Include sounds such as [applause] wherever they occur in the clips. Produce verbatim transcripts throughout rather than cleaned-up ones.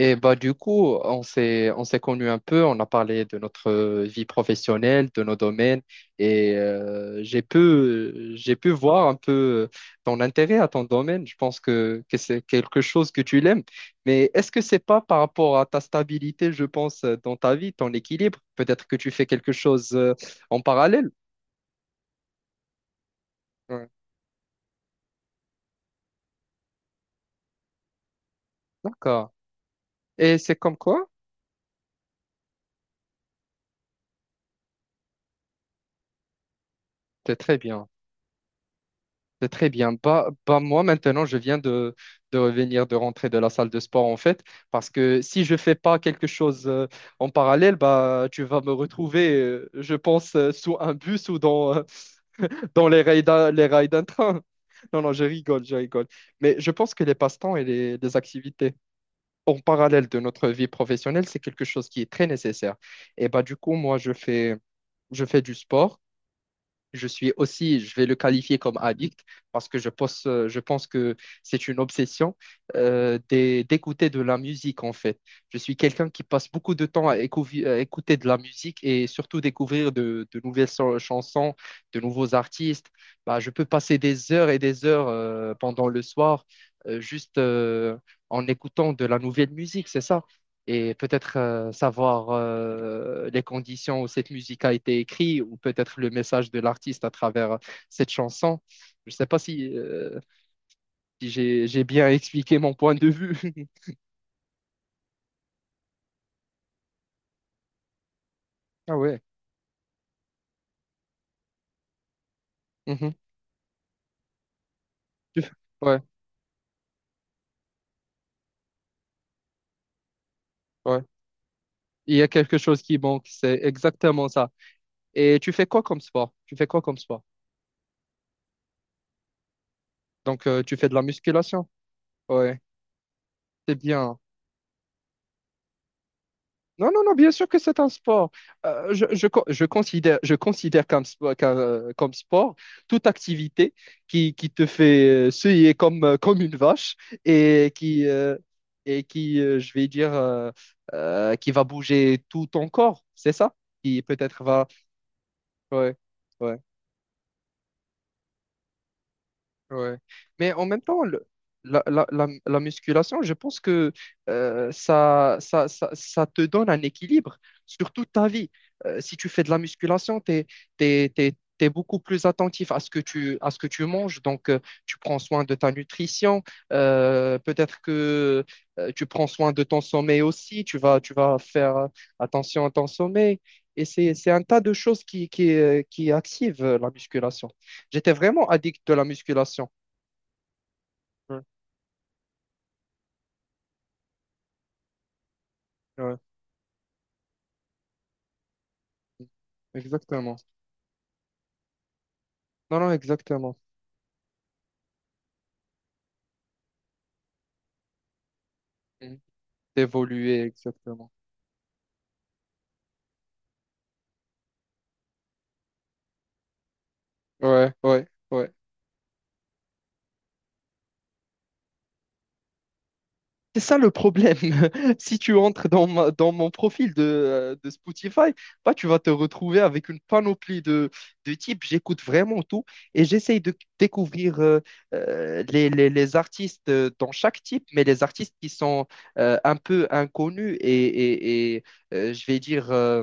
Et bah du coup, on s'est on s'est connus un peu, on a parlé de notre euh, vie professionnelle, de nos domaines, et euh, j'ai pu euh, j'ai pu voir un peu ton intérêt à ton domaine. Je pense que, que c'est quelque chose que tu l'aimes. Mais est-ce que c'est pas par rapport à ta stabilité, je pense, euh, dans ta vie, ton équilibre? Peut-être que tu fais quelque chose euh, en parallèle. Ouais. D'accord. Et c'est comme quoi? C'est très bien. C'est très bien. Bah, bah, moi, maintenant, je viens de, de revenir, de rentrer de la salle de sport, en fait, parce que si je fais pas quelque chose euh, en parallèle, bah, tu vas me retrouver, euh, je pense, euh, sous un bus ou dans, euh, dans les rails d'un, les rails d'un train. [laughs] Non, non, je rigole, je rigole. Mais je pense que les passe-temps et les, les activités en parallèle de notre vie professionnelle, c'est quelque chose qui est très nécessaire. Et bah, du coup, moi, je fais, je fais du sport. Je suis aussi, je vais le qualifier comme addict parce que je pense, euh, je pense que c'est une obsession euh, d'é- d'écouter de la musique en fait. Je suis quelqu'un qui passe beaucoup de temps à, écouvi- à écouter de la musique et surtout découvrir de, de nouvelles so- chansons, de nouveaux artistes. Bah, je peux passer des heures et des heures euh, pendant le soir, euh, juste euh, en écoutant de la nouvelle musique, c'est ça, et peut-être euh, savoir euh, les conditions où cette musique a été écrite ou peut-être le message de l'artiste à travers euh, cette chanson. Je ne sais pas si, euh, si j'ai, j'ai bien expliqué mon point de vue. [laughs] Ah ouais. Mhm. Tu fais- Ouais, ouais. Il y a quelque chose qui manque, c'est exactement ça. Et tu fais quoi comme sport? Tu fais quoi comme sport? Donc, euh, tu fais de la musculation? Ouais, c'est bien. Non, non, non, bien sûr que c'est un sport. Euh, je, je, co- je considère, je considère comme, spo- qu'un- euh, comme sport toute activité qui, qui te fait euh, suer comme, euh, comme une vache, et qui, euh, et qui euh, je vais dire, euh, euh, qui va bouger tout ton corps, c'est ça? Qui peut-être va. Ouais, ouais. Ouais. Mais en même temps, le- la, la, la, la musculation, je pense que euh, ça, ça, ça, ça te donne un équilibre sur toute ta vie. Euh, si tu fais de la musculation, tu es, t'es, t'es- t'es- t'es beaucoup plus attentif à ce que tu, à ce que tu manges. Donc, euh, tu prends soin de ta nutrition. Euh, peut-être que euh, tu prends soin de ton sommeil aussi. Tu vas, tu vas faire attention à ton sommeil. Et c'est, c'est un tas de choses qui, qui, euh, qui activent euh, la musculation. J'étais vraiment addict de la musculation. Ouais, ouais. Exactement. Non, non, exactement. Mhm. D'évoluer, exactement. Ouais, ouais, ouais. C'est ça le problème. [laughs] Si tu entres dans ma- dans mon profil de, euh, de Spotify, bah, tu vas te retrouver avec une panoplie de, de types. J'écoute vraiment tout et j'essaye de découvrir euh, euh, les, les- les artistes euh, dans chaque type, mais les artistes qui sont euh, un peu inconnus et, et- et, euh, je vais dire euh,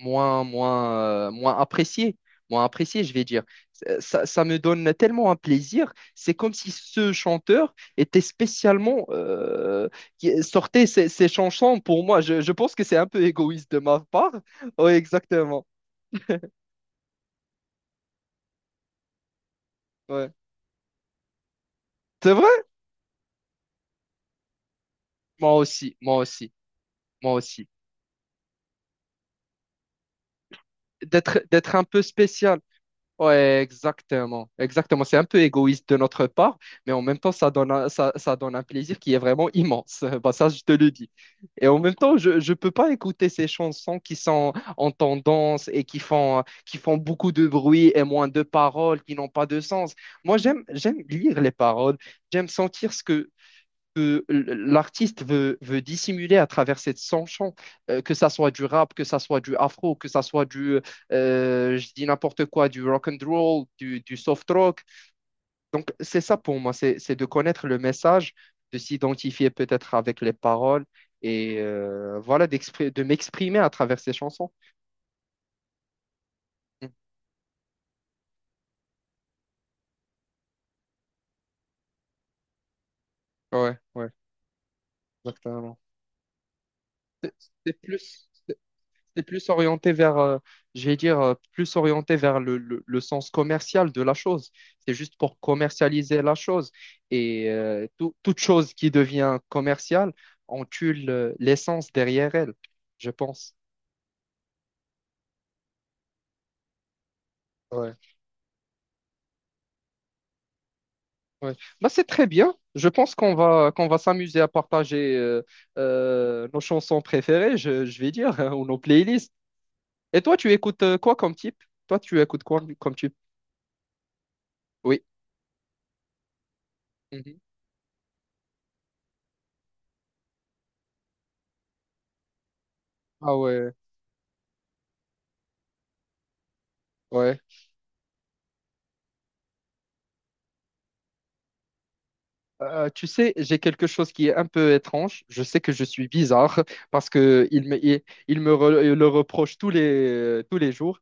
moins, moins, euh, moins apprécié, moins apprécié, je vais dire. Euh, Ça, ça me donne tellement un plaisir. C'est comme si ce chanteur était spécialement euh, qui sortait ses, ses chansons pour moi. Je, je pense que c'est un peu égoïste de ma part. Oui, exactement. Ouais. C'est vrai? Moi aussi, moi aussi, moi aussi. D'être, d'être un peu spécial. Ouais, exactement, exactement. C'est un peu égoïste de notre part, mais en même temps, ça donne un, ça, ça donne un plaisir qui est vraiment immense. [laughs] Bah, ça, je te le dis. Et en même temps, je ne peux pas écouter ces chansons qui sont en tendance et qui font, qui font beaucoup de bruit et moins de paroles, qui n'ont pas de sens. Moi, j'aime, j'aime lire les paroles, j'aime sentir ce que, que l'artiste veut, veut dissimuler à travers cette chanson, euh, que ça soit du rap, que ça soit du afro, que ça soit du, euh, je dis n'importe quoi, du rock and roll, du, du soft rock. Donc, c'est ça pour moi, c'est, c'est de connaître le message, de s'identifier peut-être avec les paroles et euh, voilà, d'expri- de m'exprimer à travers ces chansons. Mm. Ouais, ouais, exactement. C'est c'est plus. C'est plus orienté vers, euh, je vais dire, euh, plus orienté vers le, le- le sens commercial de la chose. C'est juste pour commercialiser la chose. Et euh, tout- toute chose qui devient commerciale, on tue le- l'essence derrière elle, je pense. Ouais, ouais. Bah, c'est très bien. Je pense qu'on va, qu'on va s'amuser à partager euh, euh, nos chansons préférées, je, je vais dire, hein, ou nos playlists. Et toi, tu écoutes euh, quoi comme type? Toi, tu écoutes quoi comme type? Oui. Mhm. Ah ouais, ouais. Euh, tu sais, j'ai quelque chose qui est un peu étrange. Je sais que je suis bizarre [laughs] parce que il me, il, il me re- le reproche tous les, euh, tous les jours.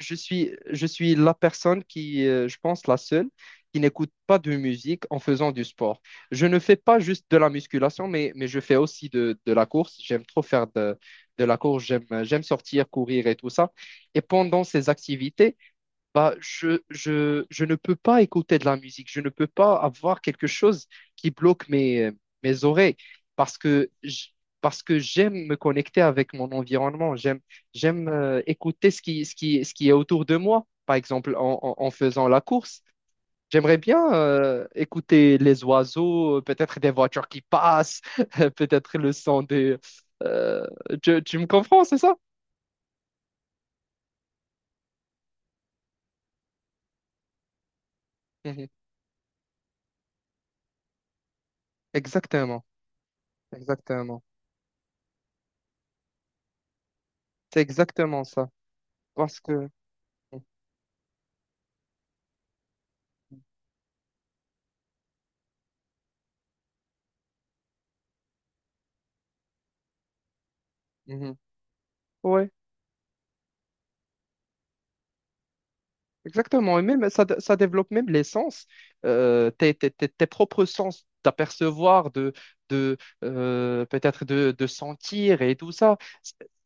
Je suis, je suis la personne qui, euh, je pense, la seule qui n'écoute pas de musique en faisant du sport. Je ne fais pas juste de la musculation, mais, mais je fais aussi de, de la course. J'aime trop faire de, de la course. J'aime, j'aime sortir, courir et tout ça. Et pendant ces activités, bah, je, je, je ne peux pas écouter de la musique, je ne peux pas avoir quelque chose qui bloque mes, euh, mes oreilles parce que j- parce que j'aime me connecter avec mon environnement, j'aime, j'aime euh, écouter ce qui, ce qui, ce qui est autour de moi. Par exemple, en, en- en faisant la course, j'aimerais bien euh, écouter les oiseaux, euh, peut-être des voitures qui passent, [laughs] peut-être le son des... euh, tu, tu me comprends, c'est ça? Mhm. Exactement, exactement. C'est exactement ça. Parce que... Mhm. Ouais, exactement. Et même, ça, ça développe même les sens, euh, tes, tes- tes- tes propres sens d'apercevoir, de, de euh, peut-être de, de sentir et tout ça.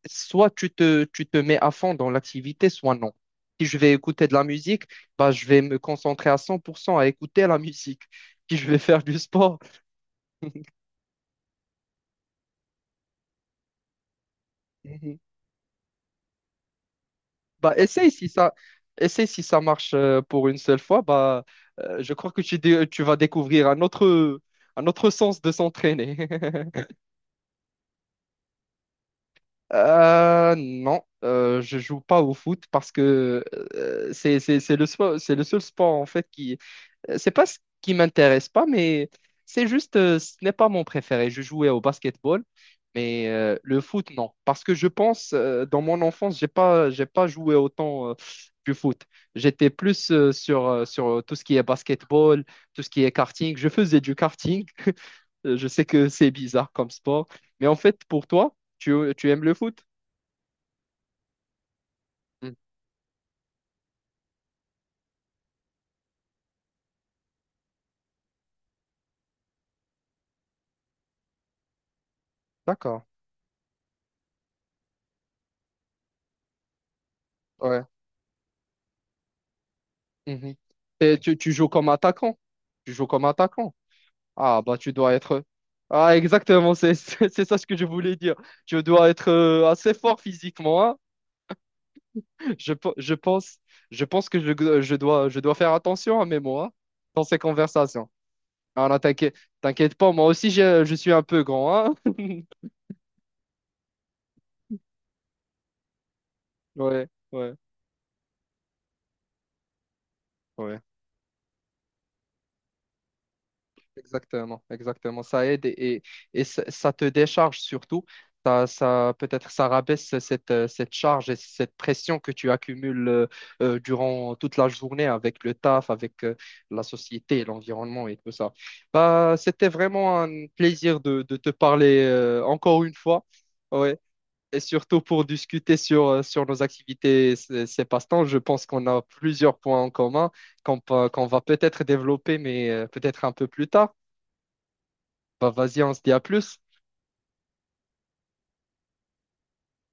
Soit tu te, tu te mets à fond dans l'activité, soit non. Si je vais écouter de la musique, bah, je vais me concentrer à cent pour cent à écouter la [laughs] musique. Si je vais faire du sport. [laughs] Bah, essaye si ça, essaye si ça marche euh, pour une seule fois. Bah, euh, je crois que tu, dé- tu vas découvrir un autre, un autre sens de s'entraîner. [laughs] Euh, non, euh, je joue pas au foot parce que euh, c'est c'est- c'est le sport, c'est le seul sport en fait qui... Euh, C'est pas ce qui m'intéresse pas, mais c'est juste, euh, ce n'est pas mon préféré. Je jouais au basketball, mais euh, le foot, non. Parce que je pense, euh, dans mon enfance, j'ai pas, j'ai pas joué autant euh, du foot. J'étais plus euh, sur, euh, sur tout ce qui est basketball, tout ce qui est karting. Je faisais du karting. [laughs] Je sais que c'est bizarre comme sport, mais en fait, pour toi, tu, tu aimes le foot? Hmm, d'accord, ouais. Mhm. Et tu, tu joues comme attaquant. Tu joues comme attaquant. Ah, bah, tu dois être. Ah, exactement, c'est c'est c'est ça ce que je voulais dire. Je dois être euh, assez fort physiquement, hein. Je, pe- je pense, je pense que je, je dois, je dois faire attention à mes mots, hein, dans ces conversations. Ah, non, t'inquiète, t'inquiète pas, moi aussi, je, je suis un peu grand, hein. [laughs] Ouais, ouais, ouais. Exactement, exactement. Ça aide et, et, et ça ça te décharge surtout. Ça, ça, peut-être ça rabaisse cette, euh, cette charge et cette pression que tu accumules euh, euh, durant toute la journée avec le taf, avec euh, la société, l'environnement et tout ça. Bah, c'était vraiment un plaisir de, de te parler euh, encore une fois. Ouais. Et surtout pour discuter sur, euh, sur nos activités, et ces ces passe-temps, je pense qu'on a plusieurs points en commun qu'on peut- qu'on va peut-être développer, mais euh, peut-être un peu plus tard. Bah vas-y, on se dit à plus.